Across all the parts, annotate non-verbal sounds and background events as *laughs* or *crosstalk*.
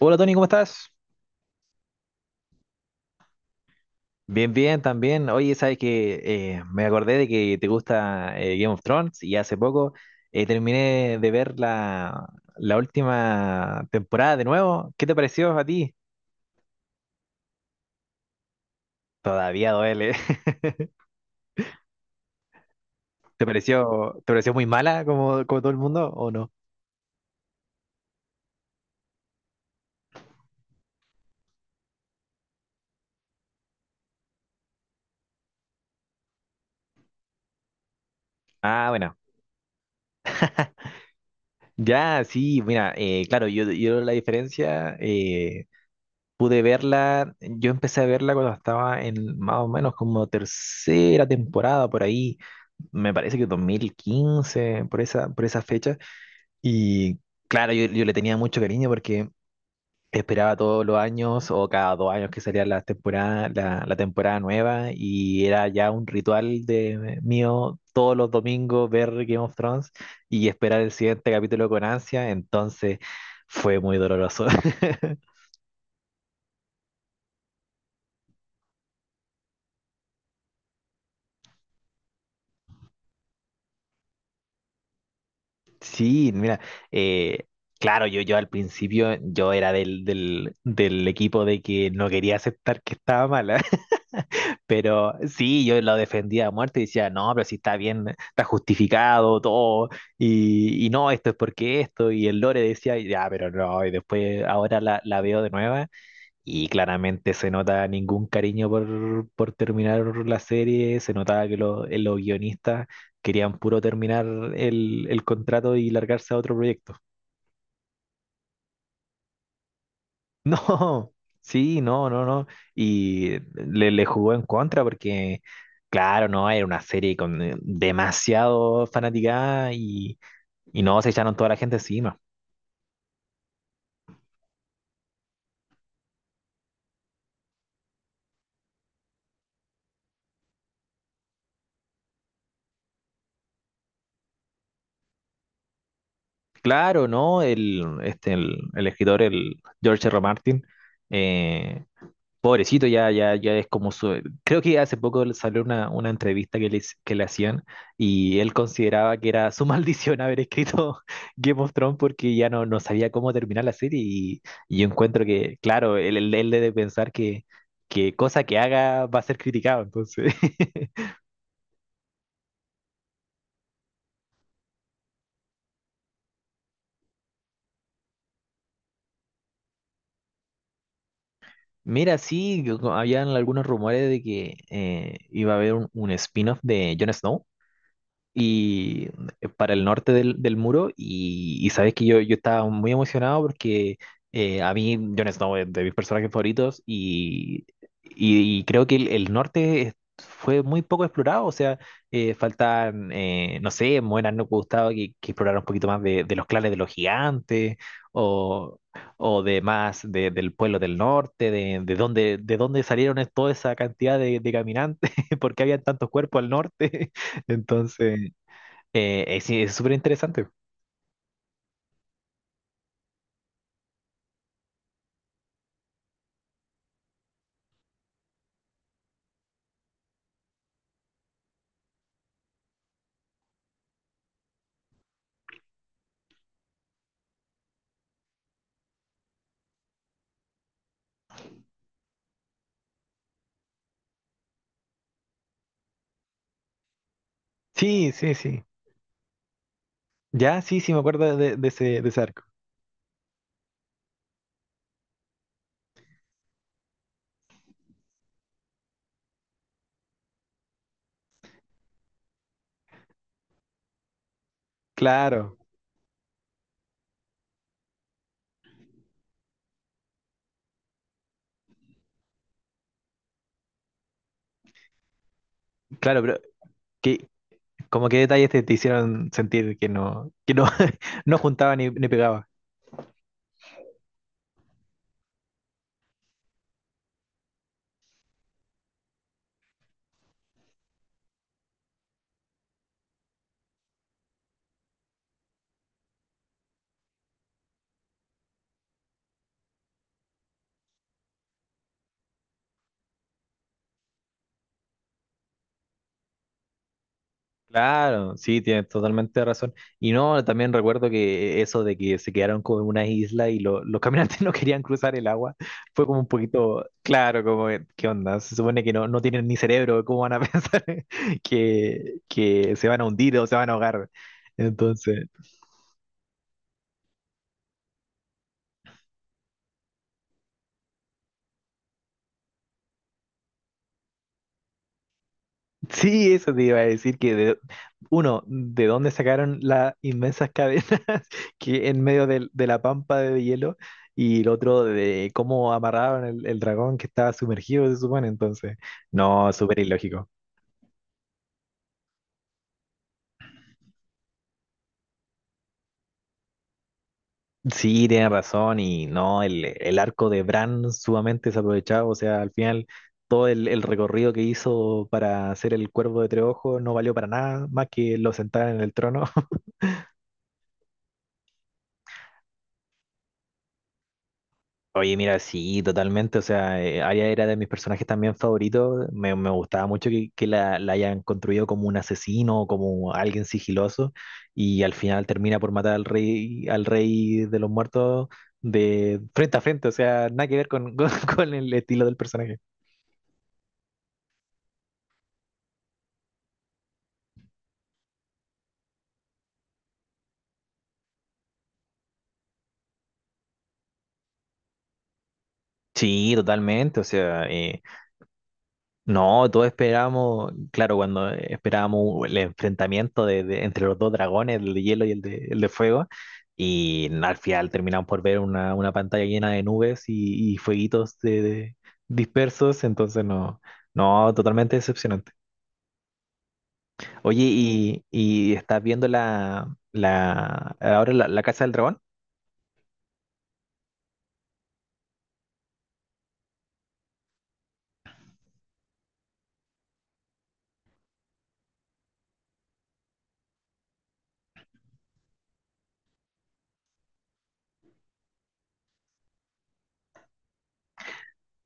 Hola Tony, ¿cómo estás? Bien, bien, también. Oye, sabes que me acordé de que te gusta Game of Thrones y hace poco terminé de ver la última temporada de nuevo. ¿Qué te pareció a ti? Todavía duele. *laughs* ¿Te pareció muy mala como todo el mundo o no? Ah, bueno. Ya, sí, mira, claro, yo la diferencia, pude verla, yo empecé a verla cuando estaba en más o menos como tercera temporada por ahí, me parece que 2015, por esa fecha. Y claro, yo le tenía mucho cariño porque esperaba todos los años o cada dos años que salía la temporada, la temporada nueva y era ya un ritual de mío todos los domingos ver Game of Thrones y esperar el siguiente capítulo con ansia, entonces fue muy doloroso. *laughs* Sí, mira, eh, claro, yo al principio yo era del equipo de que no quería aceptar que estaba mala, *laughs* pero sí, yo lo defendía a muerte y decía, no, pero si está bien, está justificado todo, y no, esto es porque esto, y el Lore decía, ya, pero no, y después ahora la veo de nuevo y claramente se nota ningún cariño por terminar la serie, se notaba que los guionistas querían puro terminar el contrato y largarse a otro proyecto. *laughs* No, sí, no, no, no. Y le jugó en contra porque, claro, no, era una serie con demasiado fanaticada y no, se echaron toda la gente encima. Claro, no, el escritor, el George R. R. Martin, eh, pobrecito, ya, ya, ya es como su... Creo que hace poco salió una entrevista que que le hacían y él consideraba que era su *laughs* maldición haber escrito Game of Thrones porque ya no, no sabía cómo terminar la serie y yo encuentro que, claro, él debe pensar que cosa que haga va a ser criticado, entonces... *laughs* Mira, sí, habían algunos rumores de que iba a haber un spin-off de Jon Snow. Y para el norte del muro y sabes que yo estaba muy emocionado porque a mí Jon Snow es de mis personajes favoritos y creo que el norte es- fue muy poco explorado, o sea, faltan, no sé, me hubiera no gustado que explorara un poquito más de los clanes de los gigantes o, o de más de- del pueblo del norte, de dónde salieron es- toda esa cantidad de caminantes, *laughs* porque había tantos cuerpos al norte. *laughs* Entonces, sí, es súper interesante. Sí, sí, sí. Ya, sí, sí, me acuerdo de ese arco. Claro, claro, pero ¿qué, como qué detalles te, te hicieron sentir que no, *laughs* no juntaba ni, ni pegaba? Claro, sí, tienes totalmente razón. Y no, también recuerdo que eso de que se quedaron como en una isla y lo- los caminantes *laughs* no querían cruzar el agua, fue como un poquito, claro, como, ¿qué onda? Se supone que no, no tienen ni cerebro, ¿cómo van a *laughs* pensar que se van a hundir o se van a ahogar? Entonces... Sí, eso te iba a decir que de- uno, ¿de dónde sacaron las inmensas cadenas *laughs* que en medio del- de, la pampa de hielo? Y el otro de cómo amarraron el dragón que estaba sumergido, se supone. Entonces, no, súper ilógico. Sí, tiene razón y no, el arco de Bran sumamente desaprovechado, o sea, al final todo el recorrido que hizo para hacer el cuervo de Treojo no valió para nada, más que lo sentaran en el trono. Oye, mira, sí, totalmente. O sea, Arya era de mis personajes también favoritos. Me gustaba mucho que la hayan construido como un asesino, como alguien sigiloso, y al final termina por matar al rey de los muertos de frente a frente. O sea, nada que ver con, *laughs* con el estilo del personaje. Sí, totalmente. O sea, no, todos esperábamos, claro, cuando esperábamos el enfrentamiento de- entre los dos dragones, el de hielo y el de fuego, y al final terminamos por ver una pantalla llena de nubes y fueguitos de- dispersos, entonces no, no, totalmente decepcionante. Oye, y estás viendo ahora la Casa del Dragón?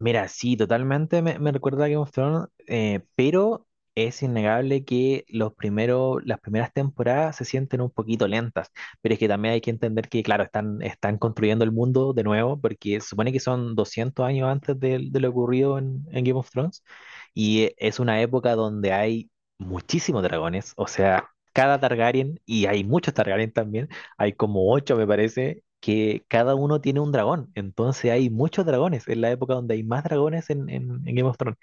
Mira, sí, totalmente me, me recuerda a Game of Thrones, pero es innegable que los primeros, las primeras temporadas se sienten un poquito lentas. Pero es que también hay que entender que, claro, están, están construyendo el mundo de nuevo, porque se supone que son 200 años antes de lo ocurrido en Game of Thrones, y es una época donde hay muchísimos dragones, o sea, cada Targaryen, y hay muchos Targaryen también, hay como ocho, me parece, que cada uno tiene un dragón. Entonces hay muchos dragones. Es la época donde hay más dragones en Game of Thrones.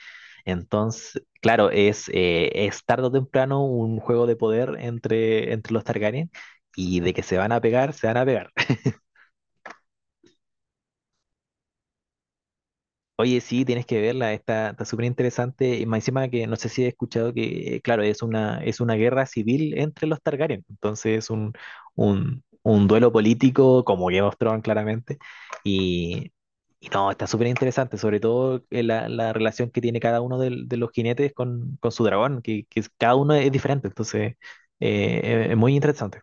Entonces, claro, es tarde o temprano un juego de poder entre, entre los Targaryen y de que se van a pegar, se van a pegar. Oye, sí, tienes que verla, está, está súper interesante. Y más encima que no sé si he escuchado que, claro, es una guerra civil entre los Targaryen. Entonces es un duelo político como Game of Thrones, claramente. Y, y no, está súper interesante, sobre todo la relación que tiene cada uno del- de, los jinetes con su dragón, que es- cada uno es diferente. Entonces es muy interesante.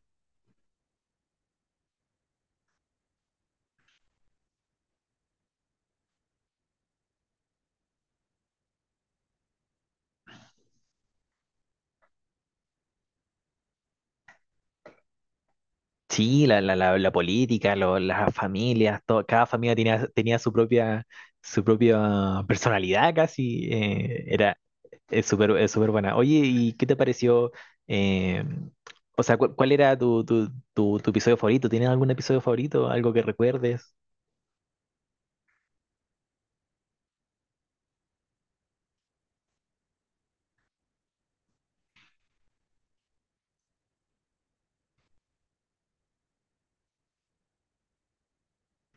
Sí, la política, lo- las familias, todo, cada familia tenía, tenía su propia personalidad casi, era es súper buena. Oye, ¿y qué te pareció? eh, o sea, cu- ¿cuál, era tu episodio favorito? ¿Tienes algún episodio favorito? ¿Algo que recuerdes?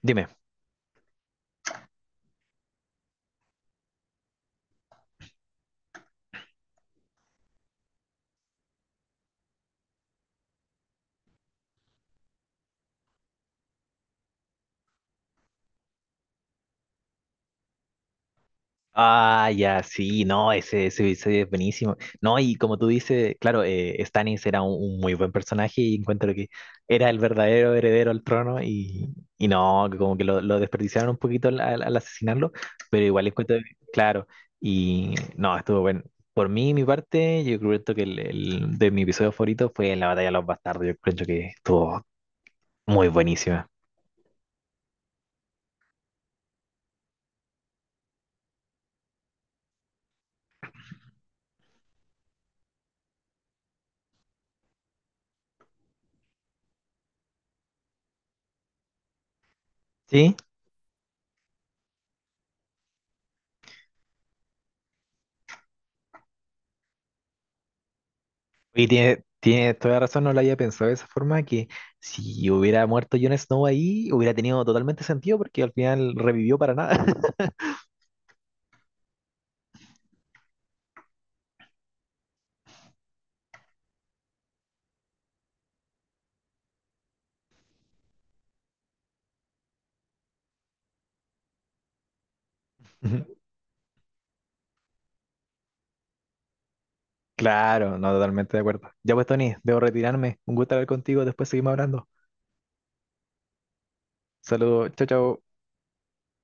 Dime. Ah, ya, sí, no, ese episodio es buenísimo. No, y como tú dices, claro, Stannis era un muy buen personaje y encuentro que era el verdadero heredero al trono y no, que como que lo desperdiciaron un poquito al asesinarlo, pero igual encuentro, que- claro, y no, estuvo bueno. Por mí, mi parte, yo creo que el de mi episodio favorito fue la batalla de los bastardos, yo creo que estuvo muy buenísima. ¿Sí? Y tiene, tiene toda razón, no lo había pensado de esa forma, que si hubiera muerto Jon Snow ahí, hubiera tenido totalmente sentido porque al final revivió para nada. *laughs* Ujú. Claro, no, totalmente de acuerdo. Ya pues, Tony, debo retirarme. Un gusto hablar contigo, después seguimos hablando. Saludos, chao, chao.